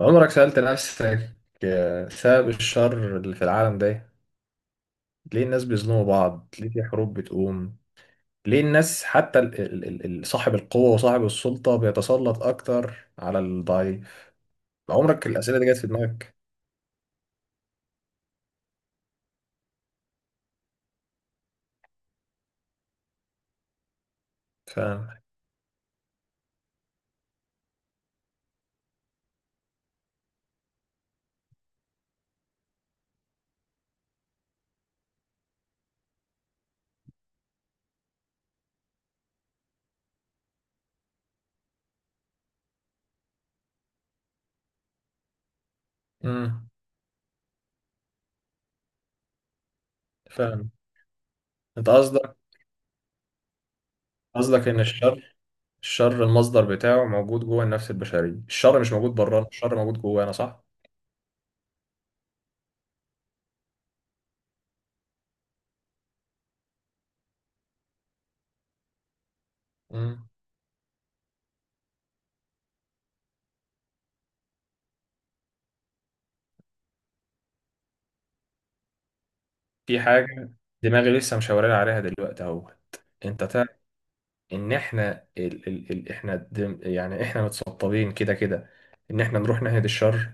عمرك سألت نفسك؟ سبب الشر اللي في العالم ده. ليه الناس بيظلموا بعض؟ ليه في حروب بتقوم؟ ليه الناس، حتى صاحب القوة وصاحب السلطة بيتسلط أكتر على الضعيف؟ عمرك الأسئلة دي جت في دماغك؟ فاهم. امم. فاهم. أنت قصدك إن الشر، الشر المصدر بتاعه موجود جوه النفس البشرية، الشر مش موجود بره، الشر موجود جوانا، صح؟ امم. في حاجة دماغي لسه مشاورين عليها دلوقتي أهو. انت، ان احنا يعني احنا متسطبين كده كده، ان احنا نروح ناحية الشر.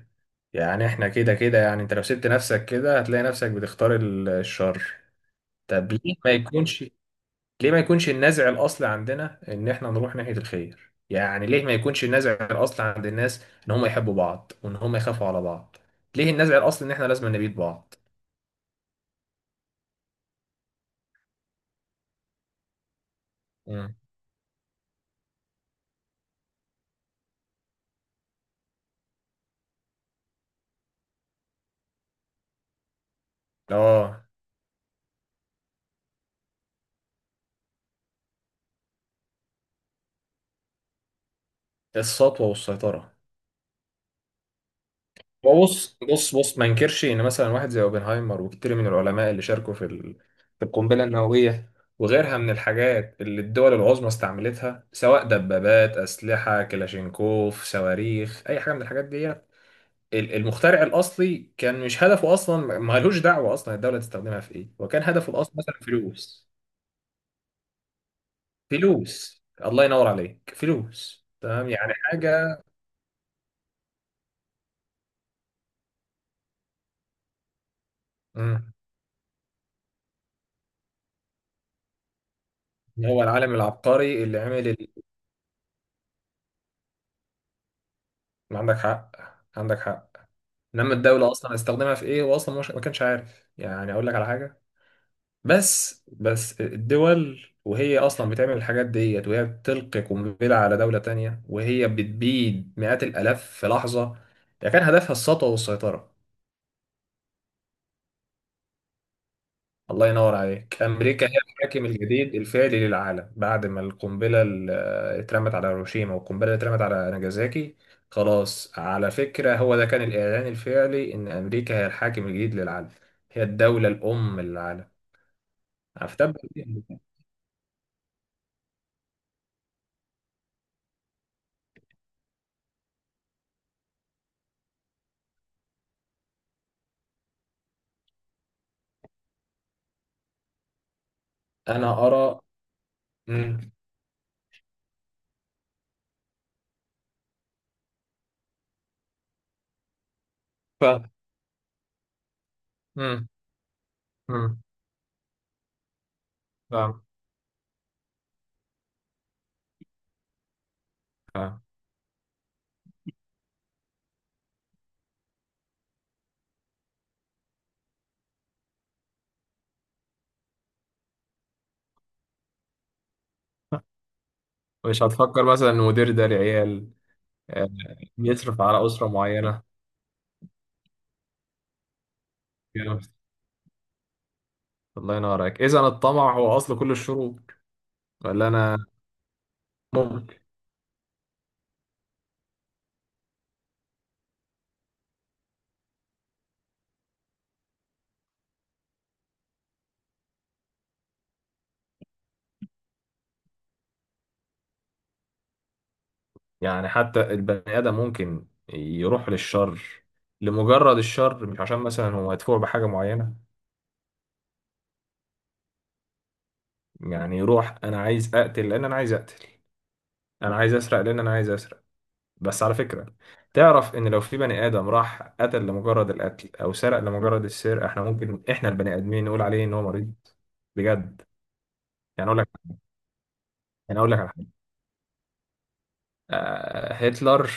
يعني احنا كده كده، يعني انت لو سبت نفسك كده هتلاقي نفسك بتختار الشر. طب ليه ما يكونش؟ ليه ما يكونش النزع الاصلي عندنا ان احنا نروح ناحية الخير؟ يعني ليه ما يكونش النزع الاصلي عند الناس ان هم يحبوا بعض وان هم يخافوا على بعض؟ ليه النزع الاصلي ان احنا لازم نبيد بعض؟ مم. اه. السطوة والسيطرة. هو بص بص بص، ما انكرش ان مثلا واحد زي اوبنهايمر وكتير من العلماء اللي شاركوا في القنبله النوويه وغيرها من الحاجات اللي الدول العظمى استعملتها، سواء دبابات، اسلحه كلاشينكوف، صواريخ، اي حاجه من الحاجات دي. المخترع الاصلي كان مش هدفه، اصلا ما لهوش دعوه اصلا الدوله تستخدمها في ايه، وكان هدفه الاصلي مثلا فلوس. فلوس، الله ينور عليك، فلوس، تمام، يعني حاجه. مم. هو العالم العبقري اللي عمل ال. عندك حق، عندك حق. انما الدوله اصلا هتستخدمها في ايه؟ هو اصلا مش، ما كانش عارف، يعني اقول لك على حاجه. بس الدول، وهي اصلا بتعمل الحاجات ديت وهي بتلقي قنبله على دوله تانية وهي بتبيد مئات الالاف في لحظه، هي كان هدفها السطوه والسيطره. الله ينور عليك، أمريكا هي الحاكم الجديد الفعلي للعالم بعد ما القنبلة اللي اترمت على هيروشيما والقنبلة اللي اترمت على ناجازاكي. خلاص، على فكرة، هو ده كان الإعلان الفعلي إن أمريكا هي الحاكم الجديد للعالم. هي الدولة الأم للعالم. أفتبر. أنا أرى. مم. فاهم. مم. مم. فاهم. فاهم. مش هتفكر مثلا إن المدير ده لعيال، آه، بيصرف على أسرة معينة؟ كده. الله ينور عليك. إذا الطمع هو أصل كل الشرور، ولا أنا؟ ممكن. يعني حتى البني آدم ممكن يروح للشر لمجرد الشر، مش عشان مثلا هو مدفوع بحاجة معينة. يعني يروح: أنا عايز أقتل لأن أنا عايز أقتل، أنا عايز أسرق لأن أنا عايز أسرق. بس على فكرة، تعرف إن لو في بني آدم راح قتل لمجرد القتل أو سرق لمجرد السرقة، إحنا ممكن، إحنا البني آدمين، نقول عليه إن هو مريض. بجد. يعني أقول لك يعني أقول لك على حاجة. هتلر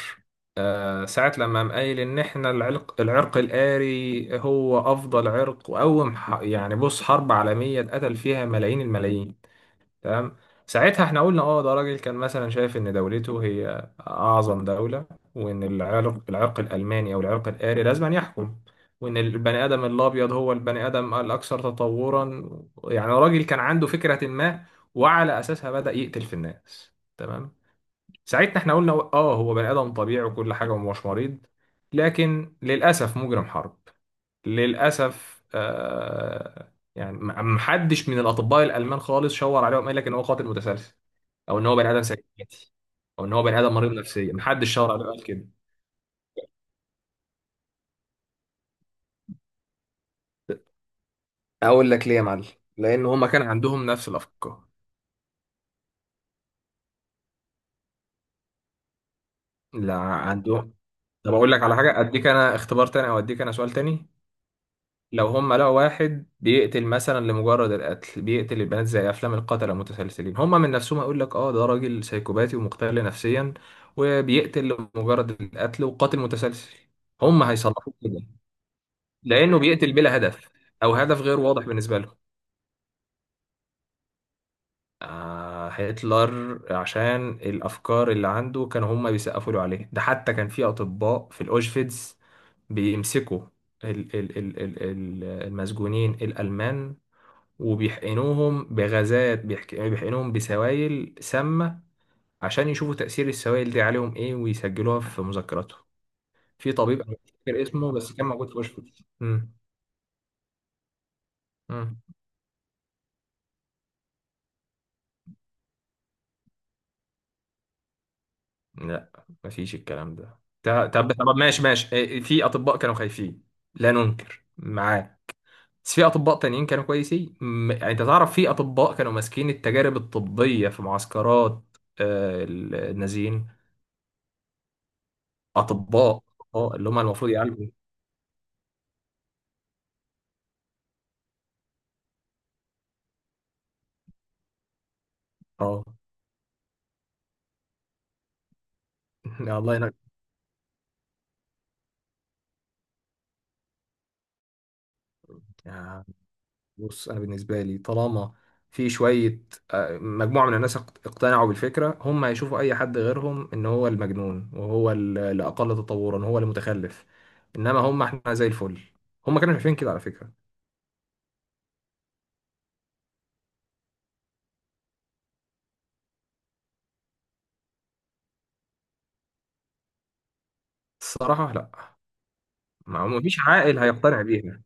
ساعة لما قام قايل ان احنا العرق الآري هو افضل عرق، يعني بص، حرب عالمية اتقتل فيها ملايين الملايين. تمام. ساعتها احنا قلنا: اه، ده راجل كان مثلا شايف ان دولته هي اعظم دولة، وان العرق الالماني او العرق الآري لازم أن يحكم، وان البني ادم الابيض هو البني ادم الاكثر تطورا. يعني راجل كان عنده فكرة ما، وعلى اساسها بدأ يقتل في الناس. تمام. ساعتها احنا قلنا: اه، هو بني ادم طبيعي وكل حاجه ومش مريض. لكن للاسف مجرم حرب. للاسف، يعني محدش من الاطباء الالمان خالص شاور عليه وقال لك ان هو قاتل متسلسل، او ان هو بني ادم سيكاتي، او ان هو بني ادم مريض نفسيا، محدش شاور عليه وقال كده. اقول لك ليه يا معلم، لان هما كان عندهم نفس الافكار. لا، عندهم. طب اقول لك على حاجه، اديك انا اختبار تاني او اديك انا سؤال تاني. لو هم لقوا واحد بيقتل مثلا لمجرد القتل، بيقتل البنات زي افلام القتلة المتسلسلين، هم من نفسهم يقول لك اه ده راجل سايكوباتي ومختل نفسيا، وبيقتل لمجرد القتل وقاتل متسلسل. هم هيصنفوه كده لانه بيقتل بلا هدف، او هدف غير واضح بالنسبة لهم. آه، هتلر عشان الافكار اللي عنده كانوا هم بيسقفوا له عليه. ده حتى كان في اطباء في الاوشفيتس بيمسكوا المسجونين الألمان وبيحقنوهم بغازات، يعني بيحقنوهم بسوائل سامة، عشان يشوفوا تأثير السوائل دي عليهم إيه ويسجلوها في مذكراتهم. في طبيب أنا مش فاكر اسمه بس كان موجود في واشنطن. مم. مم. لا، مفيش الكلام ده. طب، طب، ماشي ماشي، في أطباء كانوا خايفين، لا ننكر معاه. بس في أطباء تانيين كانوا كويسين، يعني أنت تعرف في أطباء كانوا ماسكين التجارب الطبية في معسكرات، النازيين. أطباء اللي هم المفروض يعالجوا. اه، لا، الله ينك. يعني بص، انا بالنسبه لي، طالما في شويه، مجموعه من الناس اقتنعوا بالفكره، هم هيشوفوا اي حد غيرهم ان هو المجنون، وهو اللي اقل تطورا هو المتخلف. انما هم، احنا زي الفل. هم كانوا شايفين كده على فكره. الصراحه، لا. ما فيش عاقل هيقتنع بيها.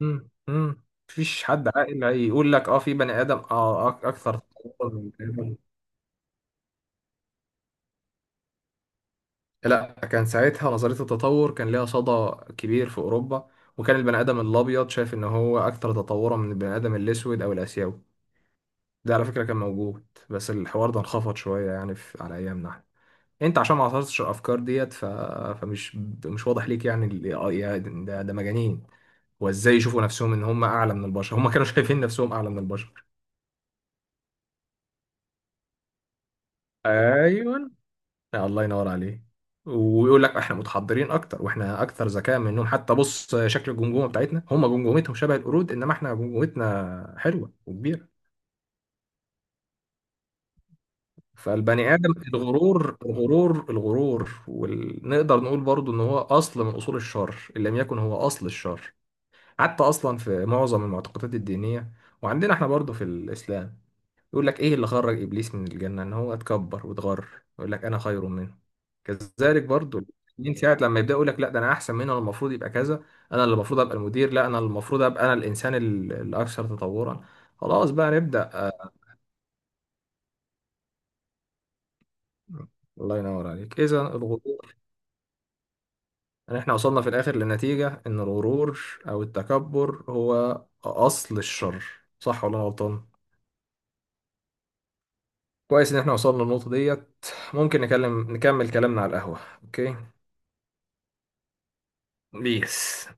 مم، مم. مفيش حد عاقل هيقول لك في بني ادم، اكثر تطورا من بني آدم. لا، كان ساعتها نظرية التطور كان ليها صدى كبير في أوروبا، وكان البني آدم الأبيض شايف إن هو أكتر تطورا من البني آدم الأسود أو الآسيوي. ده على فكرة كان موجود، بس الحوار ده انخفض شوية يعني في على أيامنا احنا. أنت عشان ما عاصرتش الأفكار ديت فمش، مش واضح ليك. يعني ده مجانين. وإزاي يشوفوا نفسهم إن هم أعلى من البشر؟ هم كانوا شايفين نفسهم أعلى من البشر. أيوه. آه، الله ينور عليه. ويقول لك احنا متحضرين اكتر واحنا اكثر ذكاء منهم، حتى بص شكل الجمجمه بتاعتنا، هم جمجمتهم شبه القرود، انما احنا جمجمتنا حلوه وكبيره. فالبني ادم، الغرور الغرور الغرور، ونقدر نقول برضو ان هو اصل من اصول الشر، ان لم يكن هو اصل الشر. حتى اصلا في معظم المعتقدات الدينيه، وعندنا احنا برضو في الاسلام يقول لك: ايه اللي خرج ابليس من الجنه؟ ان هو اتكبر واتغر، يقول لك انا خير منه. كذلك برضو، من ساعه لما يبدا يقول لك لا ده انا احسن منه، انا المفروض يبقى كذا، انا اللي المفروض ابقى المدير، لا انا المفروض ابقى انا الانسان الاكثر تطورا، خلاص بقى نبدا. الله ينور عليك، اذا الغرور. يعني احنا وصلنا في الاخر للنتيجه ان الغرور او التكبر هو اصل الشر، صح ولا أنا غلطان؟ كويس ان احنا وصلنا للنقطه ديت. ممكن نكمل كلامنا على القهوه. اوكي. بيس.